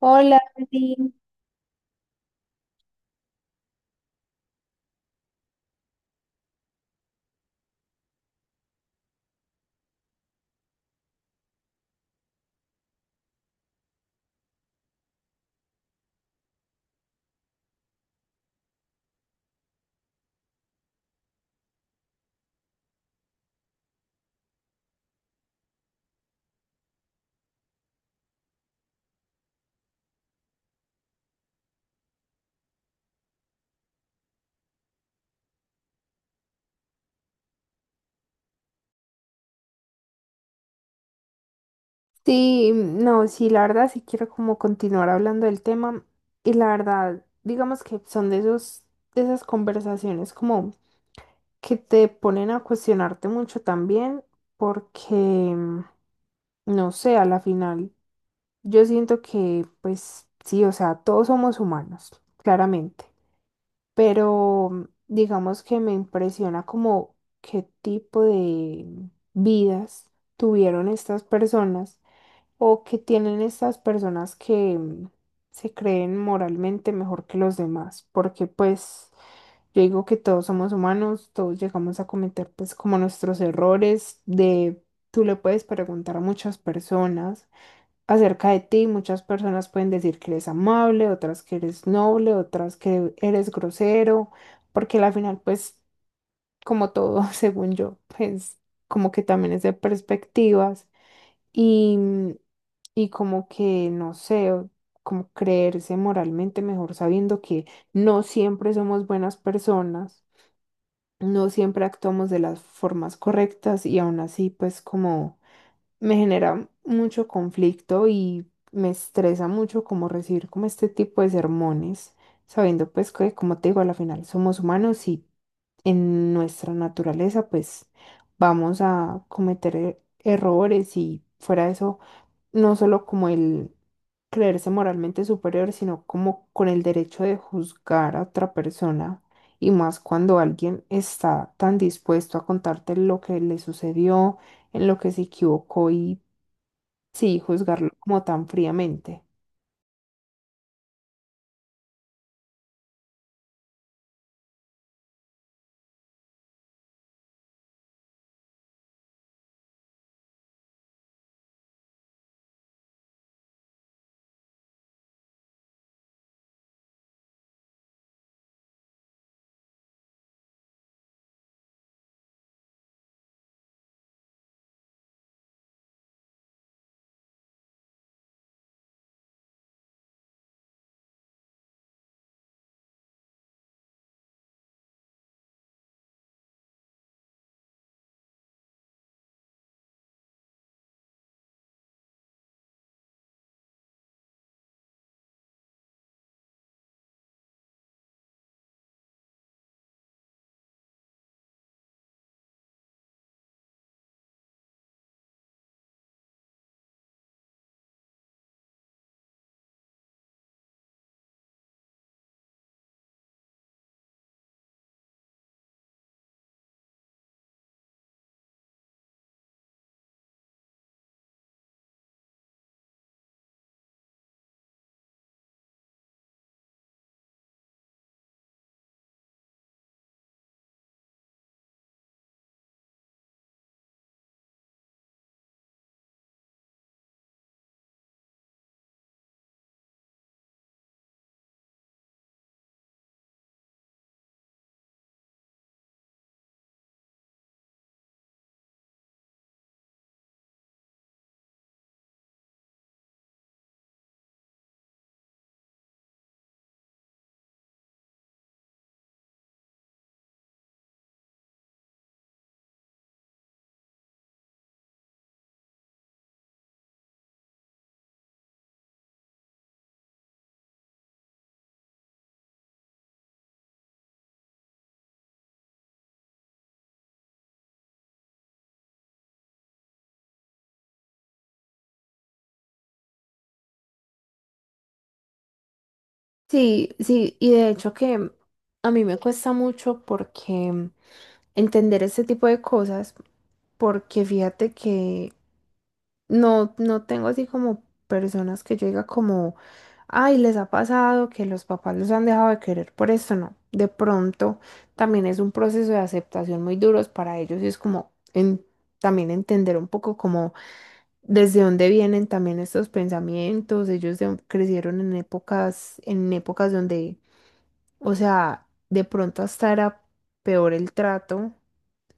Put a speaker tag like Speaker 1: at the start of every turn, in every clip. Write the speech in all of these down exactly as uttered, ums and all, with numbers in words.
Speaker 1: Hola, Andy. Sí, no, sí, la verdad sí quiero como continuar hablando del tema y la verdad, digamos que son de esos, de esas conversaciones como que te ponen a cuestionarte mucho también porque, mm, no sé, a la final yo siento que pues sí, o sea, todos somos humanos, claramente, pero mm, digamos que me impresiona como qué tipo de vidas tuvieron estas personas o que tienen estas personas que mm, se creen moralmente mejor que los demás, porque pues yo digo que todos somos humanos, todos llegamos a cometer pues como nuestros errores de... Tú le puedes preguntar a muchas personas acerca de ti, muchas personas pueden decir que eres amable, otras que eres noble, otras que eres grosero, porque al final pues como todo, según yo, pues como que también es de perspectivas. Y, y como que, no sé, o como creerse moralmente mejor sabiendo que no siempre somos buenas personas, no siempre actuamos de las formas correctas y aún así pues como me genera mucho conflicto y me estresa mucho como recibir como este tipo de sermones, sabiendo pues que como te digo, a la final somos humanos y en nuestra naturaleza pues vamos a cometer e- errores y fuera de eso no solo como el creerse moralmente superior, sino como con el derecho de juzgar a otra persona, y más cuando alguien está tan dispuesto a contarte lo que le sucedió, en lo que se equivocó y sí, juzgarlo como tan fríamente. Sí, sí, y de hecho que a mí me cuesta mucho porque entender este tipo de cosas, porque fíjate que no, no tengo así como personas que yo diga como, ay, les ha pasado que los papás los han dejado de querer por esto, no. De pronto también es un proceso de aceptación muy duros para ellos y es como en- también entender un poco como desde dónde vienen también estos pensamientos. Ellos de- crecieron en épocas, en épocas donde, o sea, de pronto hasta era peor el trato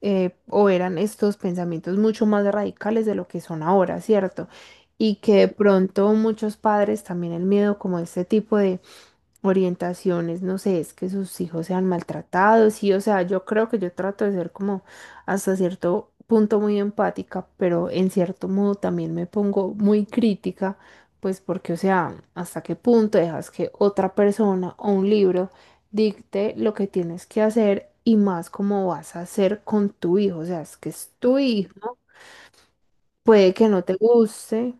Speaker 1: eh, o eran estos pensamientos mucho más radicales de lo que son ahora, ¿cierto? Y que de pronto muchos padres también el miedo como este tipo de orientaciones, no sé, es que sus hijos sean maltratados, sí, o sea, yo creo que yo trato de ser como hasta cierto punto muy empática, pero en cierto modo también me pongo muy crítica, pues porque, o sea, hasta qué punto dejas que otra persona o un libro dicte lo que tienes que hacer y más cómo vas a hacer con tu hijo, o sea, es que es tu hijo, puede que no te guste.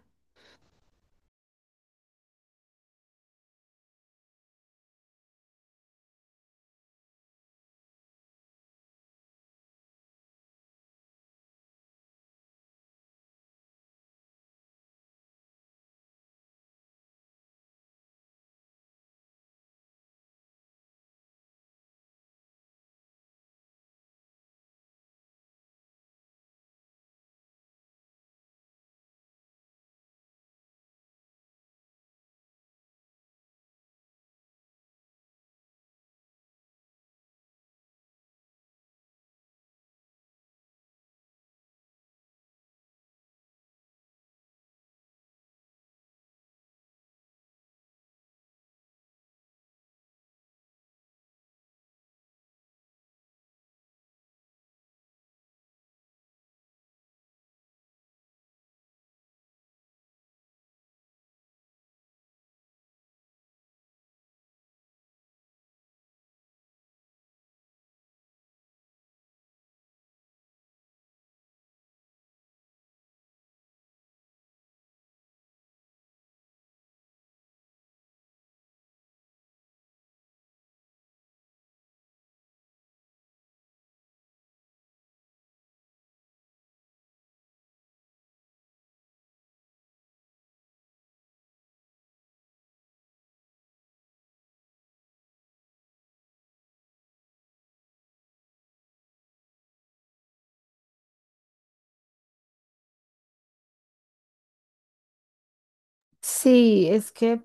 Speaker 1: Sí, es que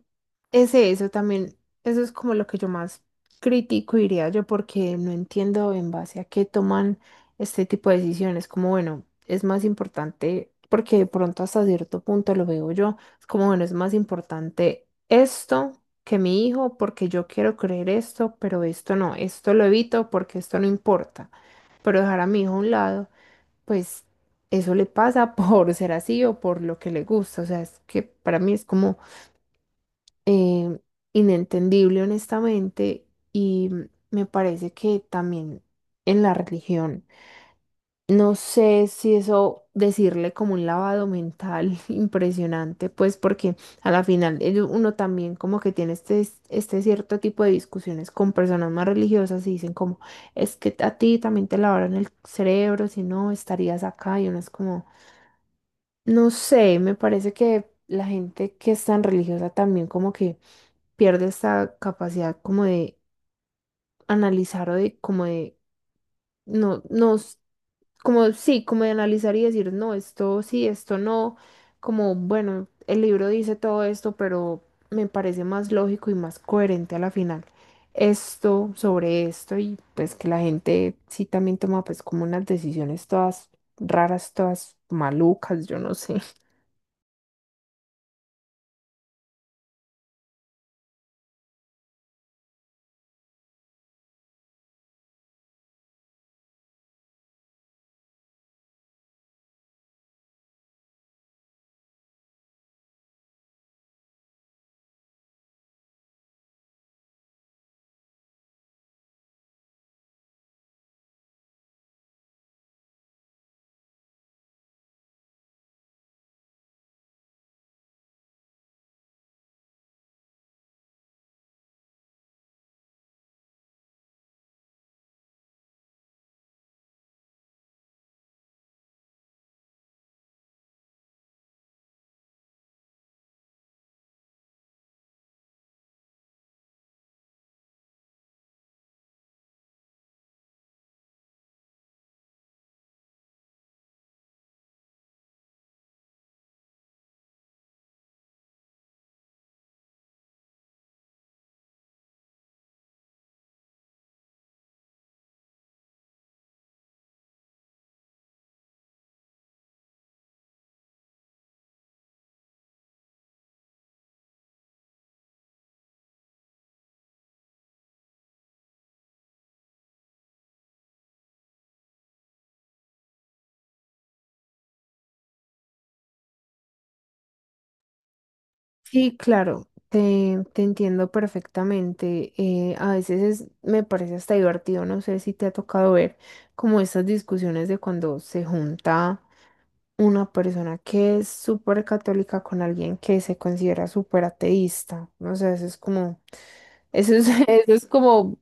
Speaker 1: es eso también, eso es como lo que yo más critico, diría yo, porque no entiendo en base a qué toman este tipo de decisiones, como bueno, es más importante, porque de pronto hasta cierto punto lo veo yo, es como bueno, es más importante esto que mi hijo, porque yo quiero creer esto, pero esto no, esto lo evito porque esto no importa, pero dejar a mi hijo a un lado, pues eso le pasa por ser así o por lo que le gusta, o sea, es que para mí es como eh, inentendible honestamente y me parece que también en la religión, no sé si eso decirle como un lavado mental impresionante, pues porque a la final ello- uno también como que tiene este, este cierto tipo de discusiones con personas más religiosas y dicen como, es que a ti también te lavaron el cerebro, si no estarías acá y uno es como, no sé, me parece que la gente que es tan religiosa también como que pierde esta capacidad como de analizar o de como de no, no, s- como sí, como de analizar y decir, no, esto sí, esto no, como bueno, el libro dice todo esto, pero me parece más lógico y más coherente a la final esto sobre esto y pues que la gente sí también toma pues como unas decisiones todas raras, todas malucas, yo no sé. Sí, claro, te, te entiendo perfectamente. Eh, a veces es- me parece hasta divertido, no sé si te ha tocado ver como estas discusiones de cuando se junta una persona que es súper católica con alguien que se considera súper ateísta. No sé, eso es como, eso es, eso es como,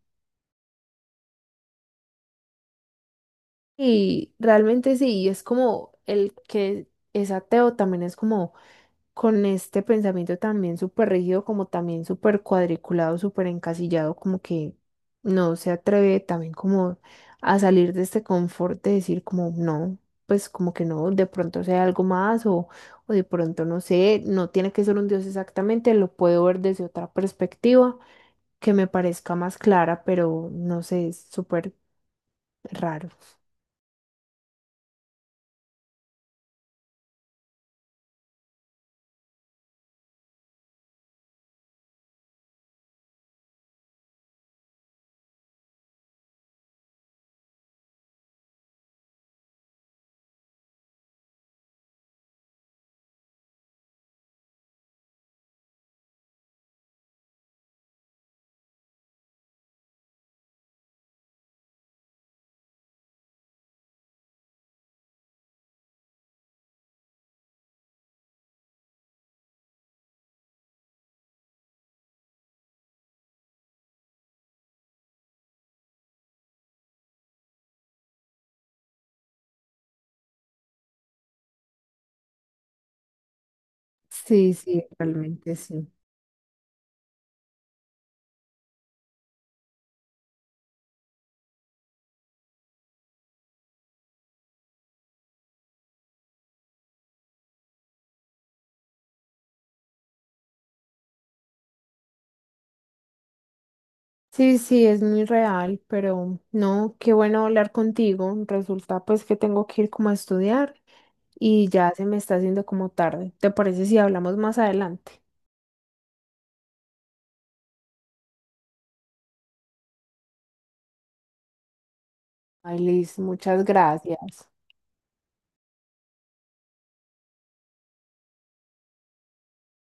Speaker 1: y realmente sí, y es como el que es ateo también es como con este pensamiento también súper rígido, como también súper cuadriculado, súper encasillado, como que no se atreve también como a salir de este confort de decir como no, pues como que no, de pronto sea algo más o, o de pronto no sé, no tiene que ser un Dios exactamente, lo puedo ver desde otra perspectiva que me parezca más clara, pero no sé, es súper raro. Sí, sí, realmente sí. Sí, sí, es muy real, pero no, qué bueno hablar contigo. Resulta pues que tengo que ir como a estudiar y ya se me está haciendo como tarde. ¿Te parece si hablamos más adelante? Ay, Liz, muchas gracias.